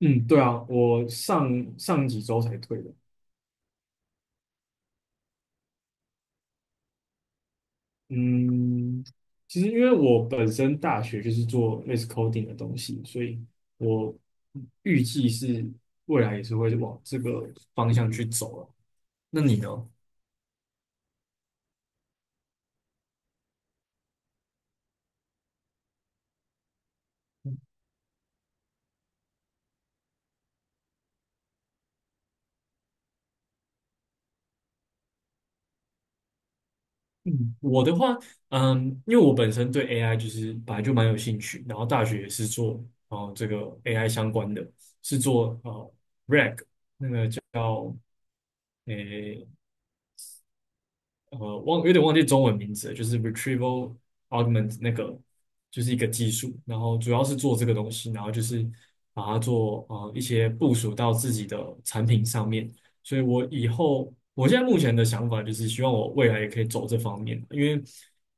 嗯，对啊，我上几周才退的。嗯，其实因为我本身大学就是做类似 coding 的东西，所以我预计是未来也是会往这个方向去走了。那你呢？嗯，我的话，因为我本身对 AI 就是本来就蛮有兴趣，然后大学也是做哦、呃、这个 AI 相关的，是做 RAG 那个叫。有点忘记中文名字了，就是 retrieval augment 那个，就是一个技术，然后主要是做这个东西，然后就是把它做一些部署到自己的产品上面。所以我以后，我现在目前的想法就是希望我未来也可以走这方面，因为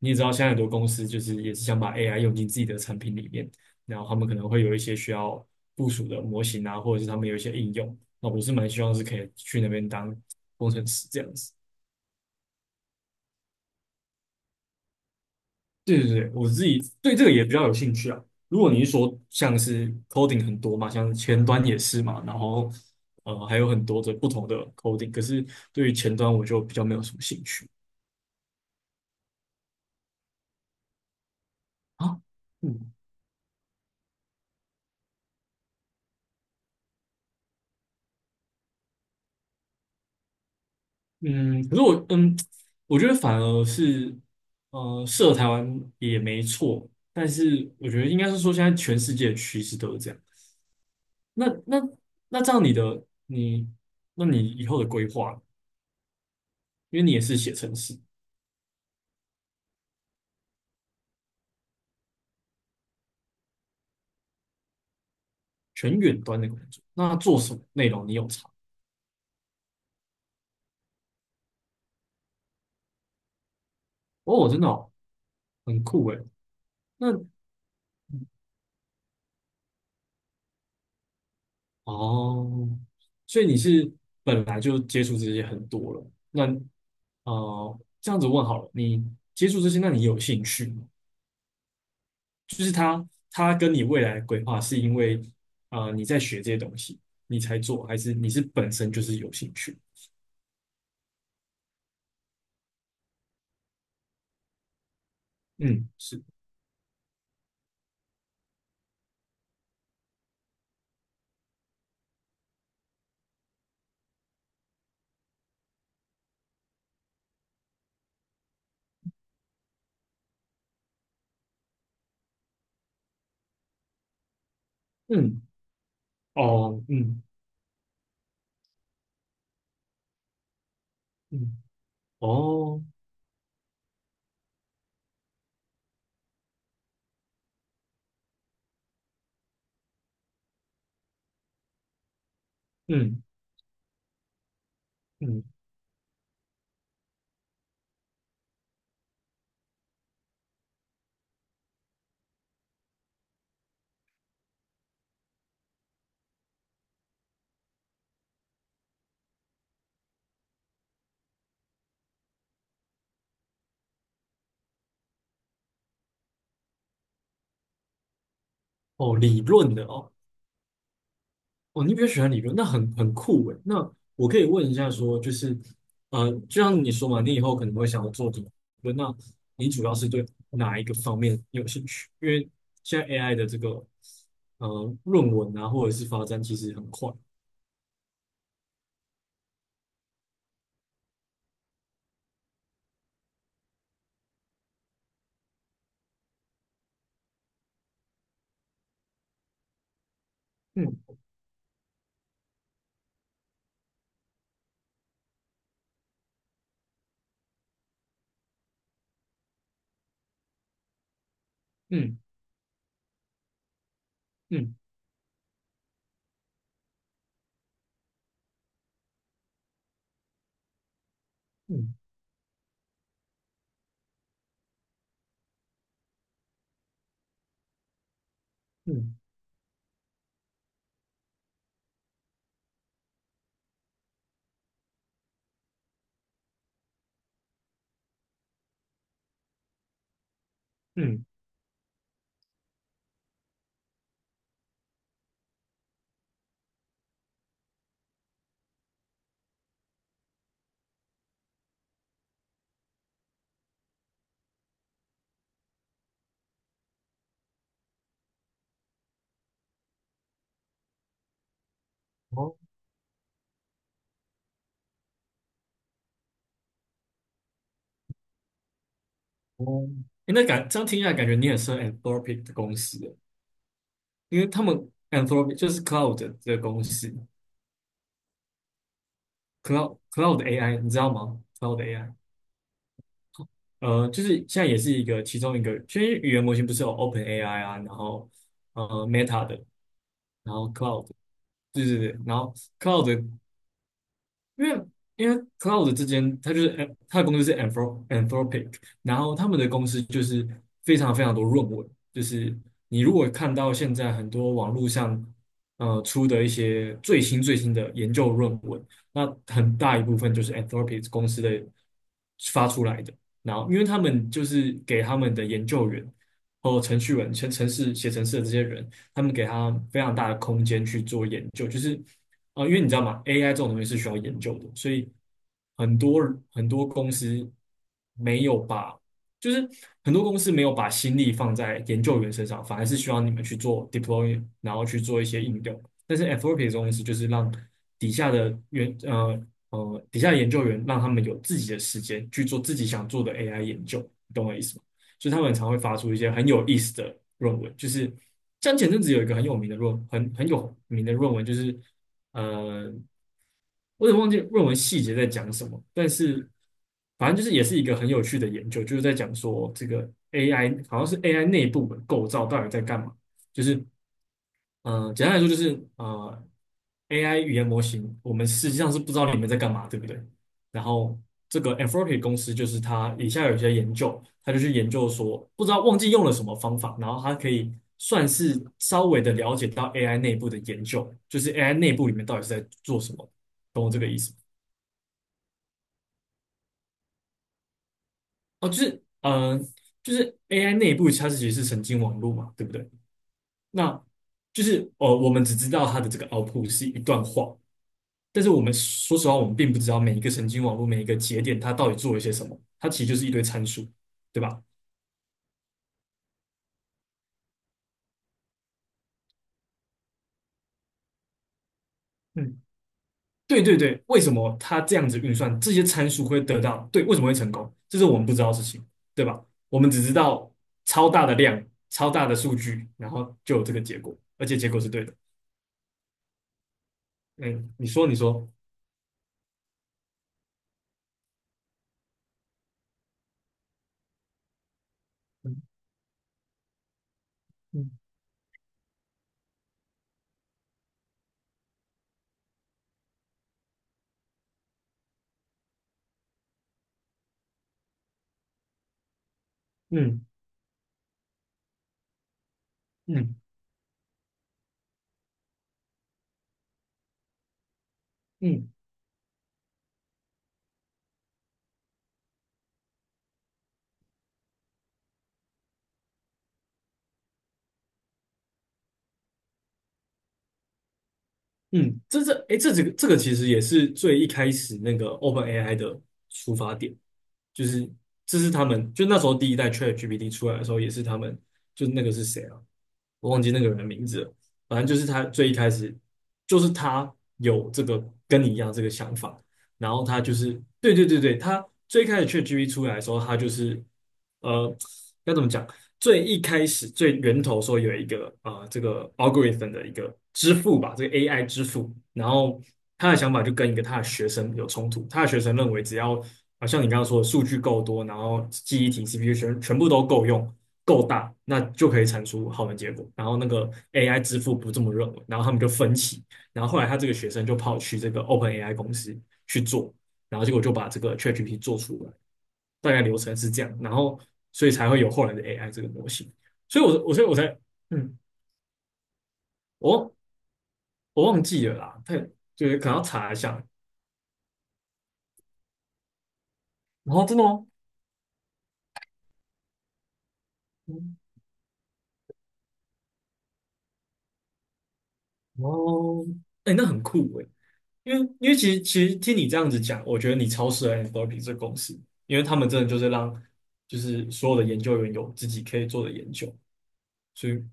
你也知道，现在很多公司就是也是想把 AI 用进自己的产品里面，然后他们可能会有一些需要部署的模型啊，或者是他们有一些应用，那我是蛮希望是可以去那边当工程师这样子。对对对，我自己对这个也比较有兴趣啊。如果你是说像是 coding 很多嘛，像前端也是嘛，然后还有很多的不同的 coding,可是对于前端我就比较没有什么兴趣啊。嗯，嗯，可是我觉得反而是台湾也没错，但是我觉得应该是说现在全世界的趋势都是这样。那那那这样你的你，那你以后的规划，因为你也是写程式。全远端的工作。那做什么内容？你有查？哦，真的哦，很酷诶。那哦，所以你是本来就接触这些很多了。那这样子问好了，你接触这些，那你有兴趣吗？就是他跟你未来的规划是因为你在学这些东西，你才做，还是你是本身就是有兴趣？嗯，是。嗯。哦。嗯。嗯。哦。嗯。嗯。哦，理论的哦。哦，你比较喜欢理论，那很酷诶。那我可以问一下说，就是，就像你说嘛，你以后可能会想要做理论，那你主要是对哪一个方面有兴趣？因为现在 AI 的这个，论文啊，或者是发展其实很快。嗯。嗯。嗯。嗯嗯嗯，哦哦。诶，这样听起来，感觉你也是 Anthropic 的公司诶，因为他们 Anthropic 就是 Cloud 的公司，Cloud AI,你知道吗？Cloud AI。就是现在也是一个其中一个，其实语言模型不是有 OpenAI 啊，然后Meta 的，然后 Cloud,对对对，然后 Cloud。因为Cloud 之间，它就是 它的公司是 Anthropic,然后他们的公司就是非常多论文，就是你如果看到现在很多网络上出的一些最新的研究论文，那很大一部分就是 Anthropic 公司的发出来的。然后因为他们就是给他们的研究员和程序员、程程式写程式的这些人，他们给他非常大的空间去做研究，就是因为你知道吗？AI 这种东西是需要研究的，所以很多很多公司没有把，就是很多公司没有把心力放在研究员身上，反而是需要你们去做 deploy,然后去做一些应用。但是 a t F o P 这种东西就是让底下的员呃底下的研究员让他们有自己的时间去做自己想做的 AI 研究，你懂我意思吗？就是他们常会发出一些很有意思的论文，就是像前阵子有一个很有名的论文，就是呃，我有点忘记论文细节在讲什么，但是反正就是也是一个很有趣的研究，就是在讲说这个 AI 好像是 AI 内部的构造到底在干嘛，就是简单来说就是AI 语言模型，我们实际上是不知道里面在干嘛，对不对？然后这个 Anthropic 公司就是他，以下有一些研究，他就去研究说，不知道忘记用了什么方法，然后它可以算是稍微的了解到 AI 内部的研究，就是 AI 内部里面到底是在做什么，懂我这个意思吗？哦，就是就是 AI 内部它是其实是神经网络嘛，对不对？那就是我们只知道它的这个 output 是一段话，但是我们说实话，我们并不知道每一个神经网络、每一个节点它到底做了些什么，它其实就是一堆参数，对吧？嗯，对对对，为什么它这样子运算，这些参数会得到，对，为什么会成功？这是我们不知道的事情，对吧？我们只知道超大的量、超大的数据，然后就有这个结果，而且结果是对的。嗯，你说，你说。嗯嗯嗯嗯嗯。嗯，这这哎，这几个这个其实也是最一开始那个 OpenAI 的出发点，就是这是他们就那时候第一代 ChatGPT 出来的时候，也是他们那个是谁啊？我忘记那个人的名字了，反正就是他最一开始就是他有这个跟你一样这个想法，然后他就是对对对对，他最开始 ChatGPT 出来的时候，他就是呃该怎么讲？最一开始最源头说有一个这个 algorithm 的一个支付吧，这个 AI 支付，然后他的想法就跟一个他的学生有冲突，他的学生认为只要像你刚刚说的数据够多，然后记忆体、CPU 全部都够用、够大，那就可以产出好的结果。然后那个 AI 支付不这么认为，然后他们就分歧，然后后来他这个学生就跑去这个 OpenAI 公司去做，然后结果就把这个 ChatGPT 做出来。大概流程是这样，然后所以才会有后来的 AI 这个模型。所以我，我所以我才，嗯，我我忘记了啦，就是可能要查一下。然后真的吗？嗯。哦，哎、那很酷哎、因为其实听你这样子讲，我觉得你超适合 a n t h o p i 这个公司，因为他们真的就是让就是所有的研究员有自己可以做的研究，所以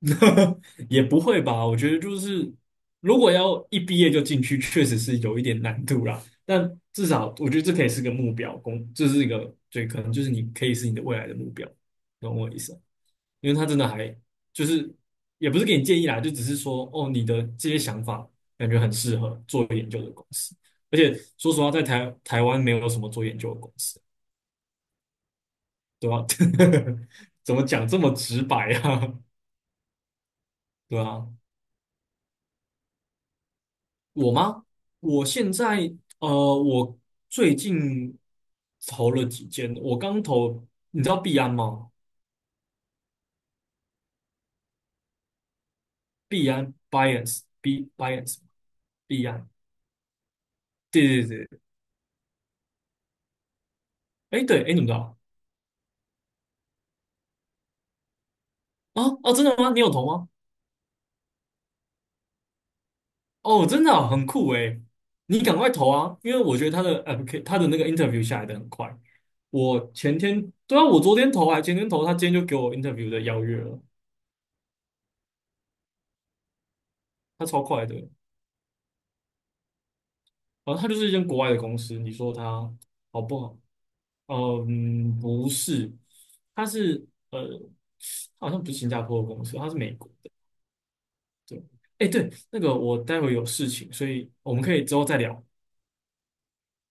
也不会吧？我觉得就是，如果要一毕业就进去，确实是有一点难度啦。但至少我觉得这可以是个目标，这是一个对，可能就是你可以是你的未来的目标，懂我意思吗？因为他真的还就是也不是给你建议啦，就只是说哦，你的这些想法感觉很适合做研究的公司，而且说实话，在台湾没有什么做研究的公司，对吧？怎么讲这么直白啊？对啊，我吗？我现在我最近投了几间，我刚投，你知道币安吗？币安 Binance Binance 币安，对对对，哎对，哎你们知道啊？哦，真的吗？你有投吗？哦，真的啊很酷哎，你赶快投啊，因为我觉得他的 他的那个 interview 下来的很快，我前天对啊，我昨天投还前天投，他今天就给我 interview 的邀约了，他超快的，然后他就是一间国外的公司，你说他。好不好？嗯，不是，他是呃，好像不是新加坡的公司，他是美国的。对，哎，对，那个我待会有事情，所以我们可以之后再聊。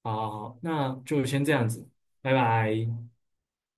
好，那就先这样子，拜拜。